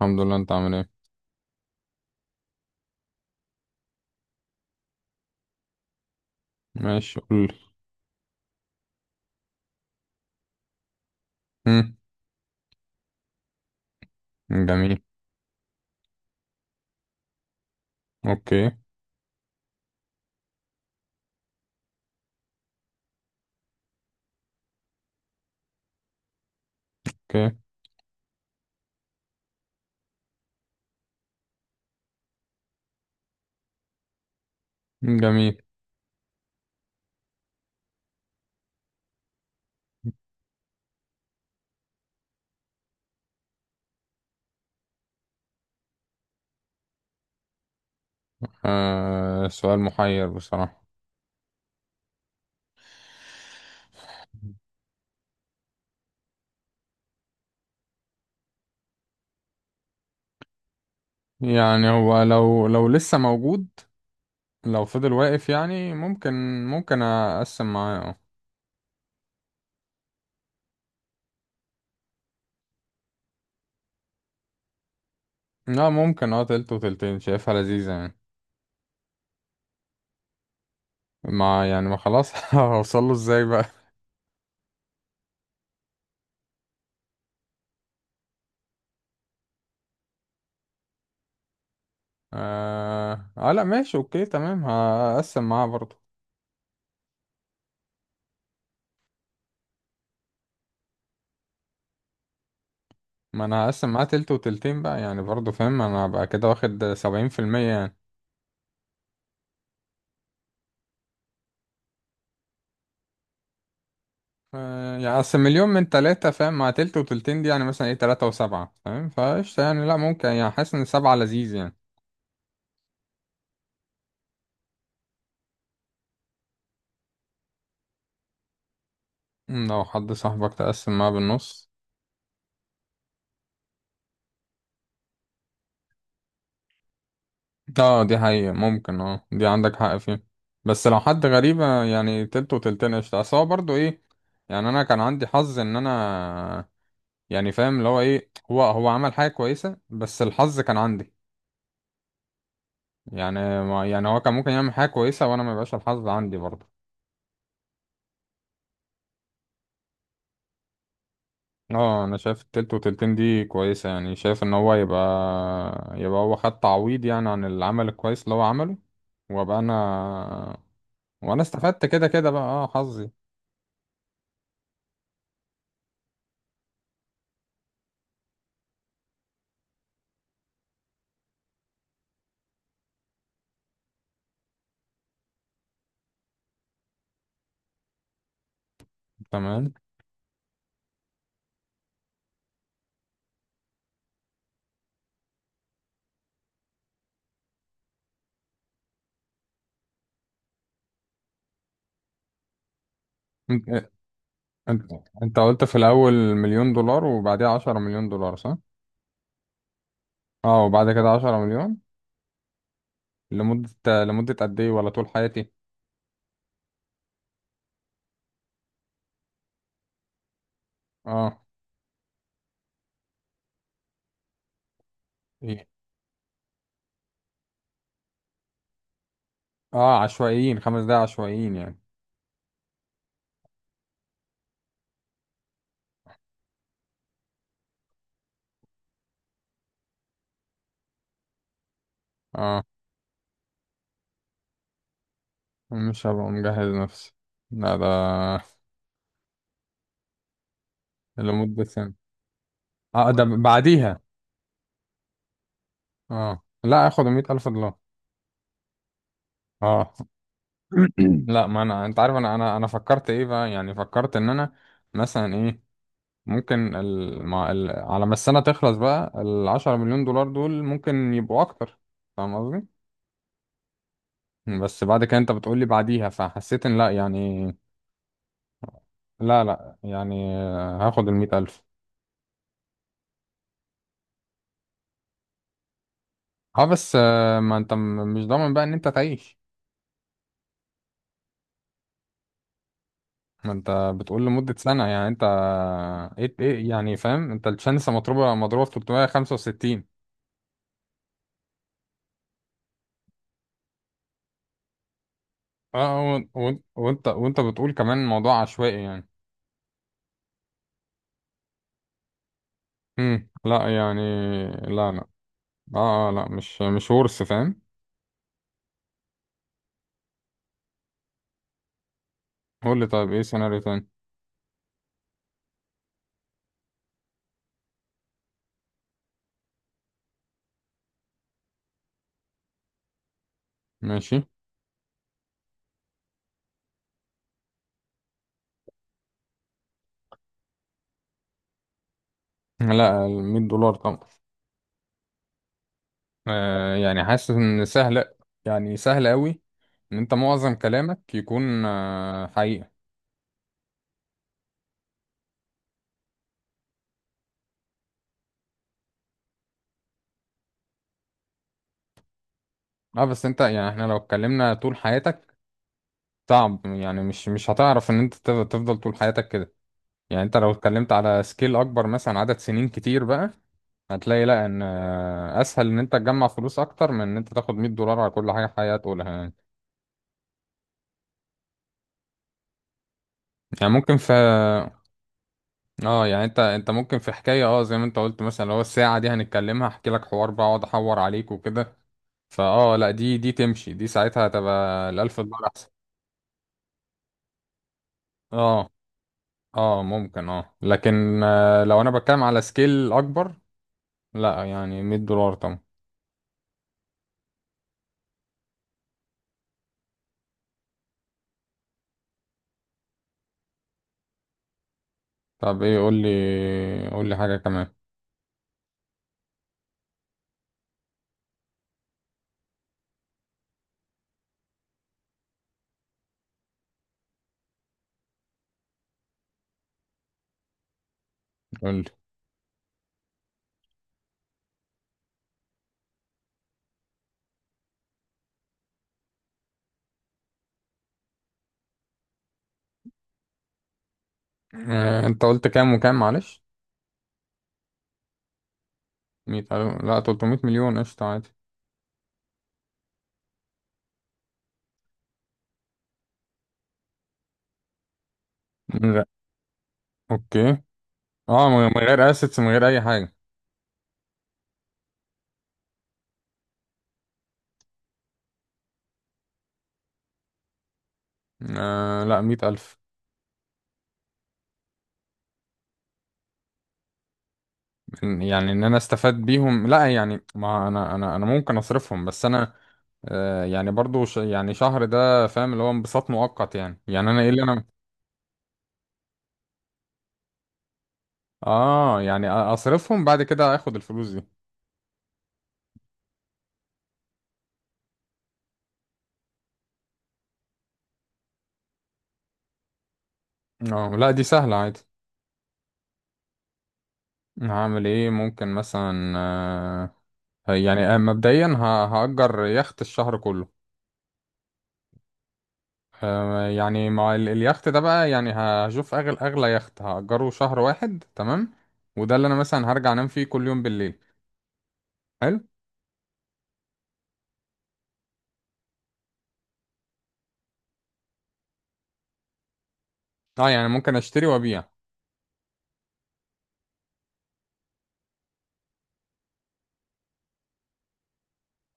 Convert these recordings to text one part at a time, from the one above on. الحمد لله. انت عامل ايه؟ ماشي، قول لي. مم، جميل. اوكي. اوكي، جميل. آه، سؤال محير بصراحة. يعني هو لو لسه موجود، لو فضل واقف يعني ممكن، اقسم معاه، اه. لا، ممكن، اه، تلت وتلتين شايفها لذيذة يعني. ما يعني ما خلاص هوصله ازاي بقى؟ آه، لا، ماشي، اوكي، تمام، هقسم معاه برضه. ما انا هقسم معاه تلت وتلتين بقى، يعني برضه فاهم انا هبقى كده واخد 70% يعني. آه، يعني أصل مليون من تلاتة، فاهم، مع تلت وتلتين دي، يعني مثلا ايه، تلاتة وسبعة، فاهم، فقشطة يعني. لأ، ممكن، يعني حاسس إن سبعة لذيذ يعني. مم، لو حد صاحبك تقسم معاه بالنص. اه، دي حقيقة، ممكن، اه دي عندك حق فيه. بس لو حد غريب، آه، يعني تلت وتلتين قشطة، أصل هو برضه ايه. يعني أنا كان عندي حظ إن أنا، يعني فاهم اللي هو ايه، هو عمل حاجة كويسة بس الحظ كان عندي. يعني هو كان ممكن يعمل حاجة كويسة وأنا ما يبقاش الحظ عندي برضه. اه، انا شايف التلت وتلتين دي كويسة، يعني شايف ان هو يبقى، يبقى هو خد تعويض يعني عن العمل الكويس اللي هو عمله، وابقى انا، وانا استفدت كده كده بقى. اه، حظي. تمام. انت انت انت قلت في الاول مليون دولار، وبعديها عشرة مليون دولار، صح؟ اه، وبعد كده عشرة مليون. لمدة قد ايه، ولا طول حياتي؟ اه. إيه؟ اه، عشوائيين، خمس دقايق عشوائيين يعني. اه، مش هبقى مجهز نفسي. لا، ده لمدة سنة. اه، ده بعديها. اه، لا، اخد مية الف دولار. اه. لا، ما انا انت عارف، انا انا فكرت ايه بقى، يعني فكرت ان انا مثلا ايه ممكن على ما السنة تخلص بقى، العشرة مليون دولار دول ممكن يبقوا اكتر، فاهم قصدي. بس بعد كده انت بتقولي بعديها، فحسيت ان لا يعني. لا، لا، يعني آه، هاخد المية الف. اه، بس آه، ما انت مش ضامن بقى ان انت تعيش. ما انت بتقول لمدة سنة، يعني انت ايه يعني، فاهم، انت الشانس مضروبة في 365. اه، وانت بتقول كمان موضوع عشوائي يعني. لا يعني. لا، لا. اه آه، لا، مش ورث، فاهم. قول لي طيب، ايه سيناريو تاني؟ ماشي. لا، ال $100 طبعا. آه، يعني حاسس ان سهل، يعني سهل قوي، ان انت معظم كلامك يكون آه حقيقة. اه، بس انت، يعني احنا لو اتكلمنا طول حياتك، صعب، يعني مش هتعرف ان انت تفضل طول حياتك كده. يعني انت لو اتكلمت على سكيل اكبر مثلا، عدد سنين كتير بقى، هتلاقي لا، ان آه، اسهل ان انت تجمع فلوس اكتر من ان انت تاخد $100 على كل حاجه حقيقه تقولها يعني. يعني ممكن في، اه، يعني انت ممكن في حكايه، اه، زي ما انت قلت مثلا، لو الساعه دي هنتكلمها، احكي لك حوار بقى، اقعد احور عليك وكده. فاه، لا دي تمشي، دي ساعتها هتبقى ال $1000 احسن. اه اه ممكن، اه، لكن آه، لو انا بتكلم على سكيل اكبر، لا يعني $100 طبعا. طب ايه، قول لي، قول لي حاجه كمان. قول لي. آه، انت قلت كام وكام، معلش؟ 100 ألف، لا، 300 مليون قشطة عادي. من غير. أوكي. أه، من غير أسيتس، من غير أي حاجة. آه، لا، 100 ألف. يعني إن أنا أستفاد بيهم، لا يعني، ما أنا أنا ممكن أصرفهم، بس أنا آه، يعني برضو، يعني شهر ده فاهم، اللي هو انبساط مؤقت، يعني أنا إيه اللي أنا. أه، يعني أصرفهم بعد كده آخد الفلوس دي. أه، لا دي سهلة عادي. هعمل إيه؟ ممكن مثلا آه، يعني آه، مبدئيا هأجر يخت الشهر كله. آه، يعني مع اليخت ده بقى، يعني هشوف اغلى يخت هأجره شهر واحد، تمام. وده اللي انا مثلا هرجع انام فيه كل يوم بالليل. حلو. اه، يعني ممكن اشتري وابيع.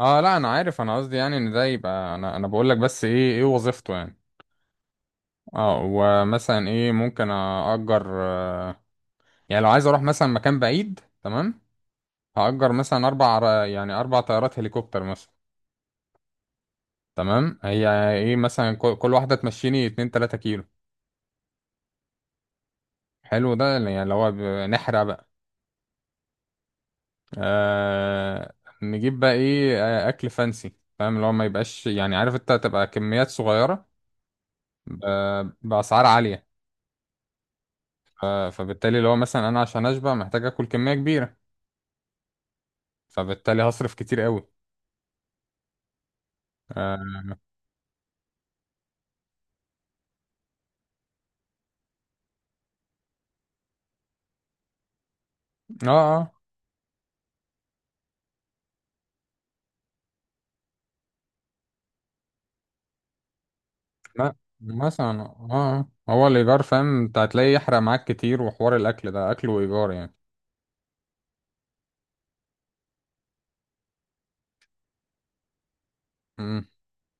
اه، لا انا عارف، انا قصدي يعني ان ده يبقى، انا بقول لك بس ايه وظيفته يعني. اه، ومثلا ايه ممكن اأجر، آه، يعني لو عايز اروح مثلا مكان بعيد، تمام، هأجر مثلا اربع اربع طيارات هليكوبتر مثلا. تمام، هي ايه مثلا كل واحدة تمشيني اتنين تلاتة كيلو. حلو، ده يعني اللي هو، نحرق آه. نجيب بقى ايه، آه، اكل فانسي، فاهم اللي هو ما يبقاش، يعني عارف انت، تبقى كميات صغيره باسعار عاليه. فبالتالي اللي هو مثلا انا عشان اشبع محتاج اكل كميه كبيره، فبالتالي هصرف كتير قوي. اه. اه، آه، ما مثلا اه آه. هو الايجار، فاهم انت هتلاقيه يحرق معاك كتير، وحوار الاكل ده اكل وايجار، يعني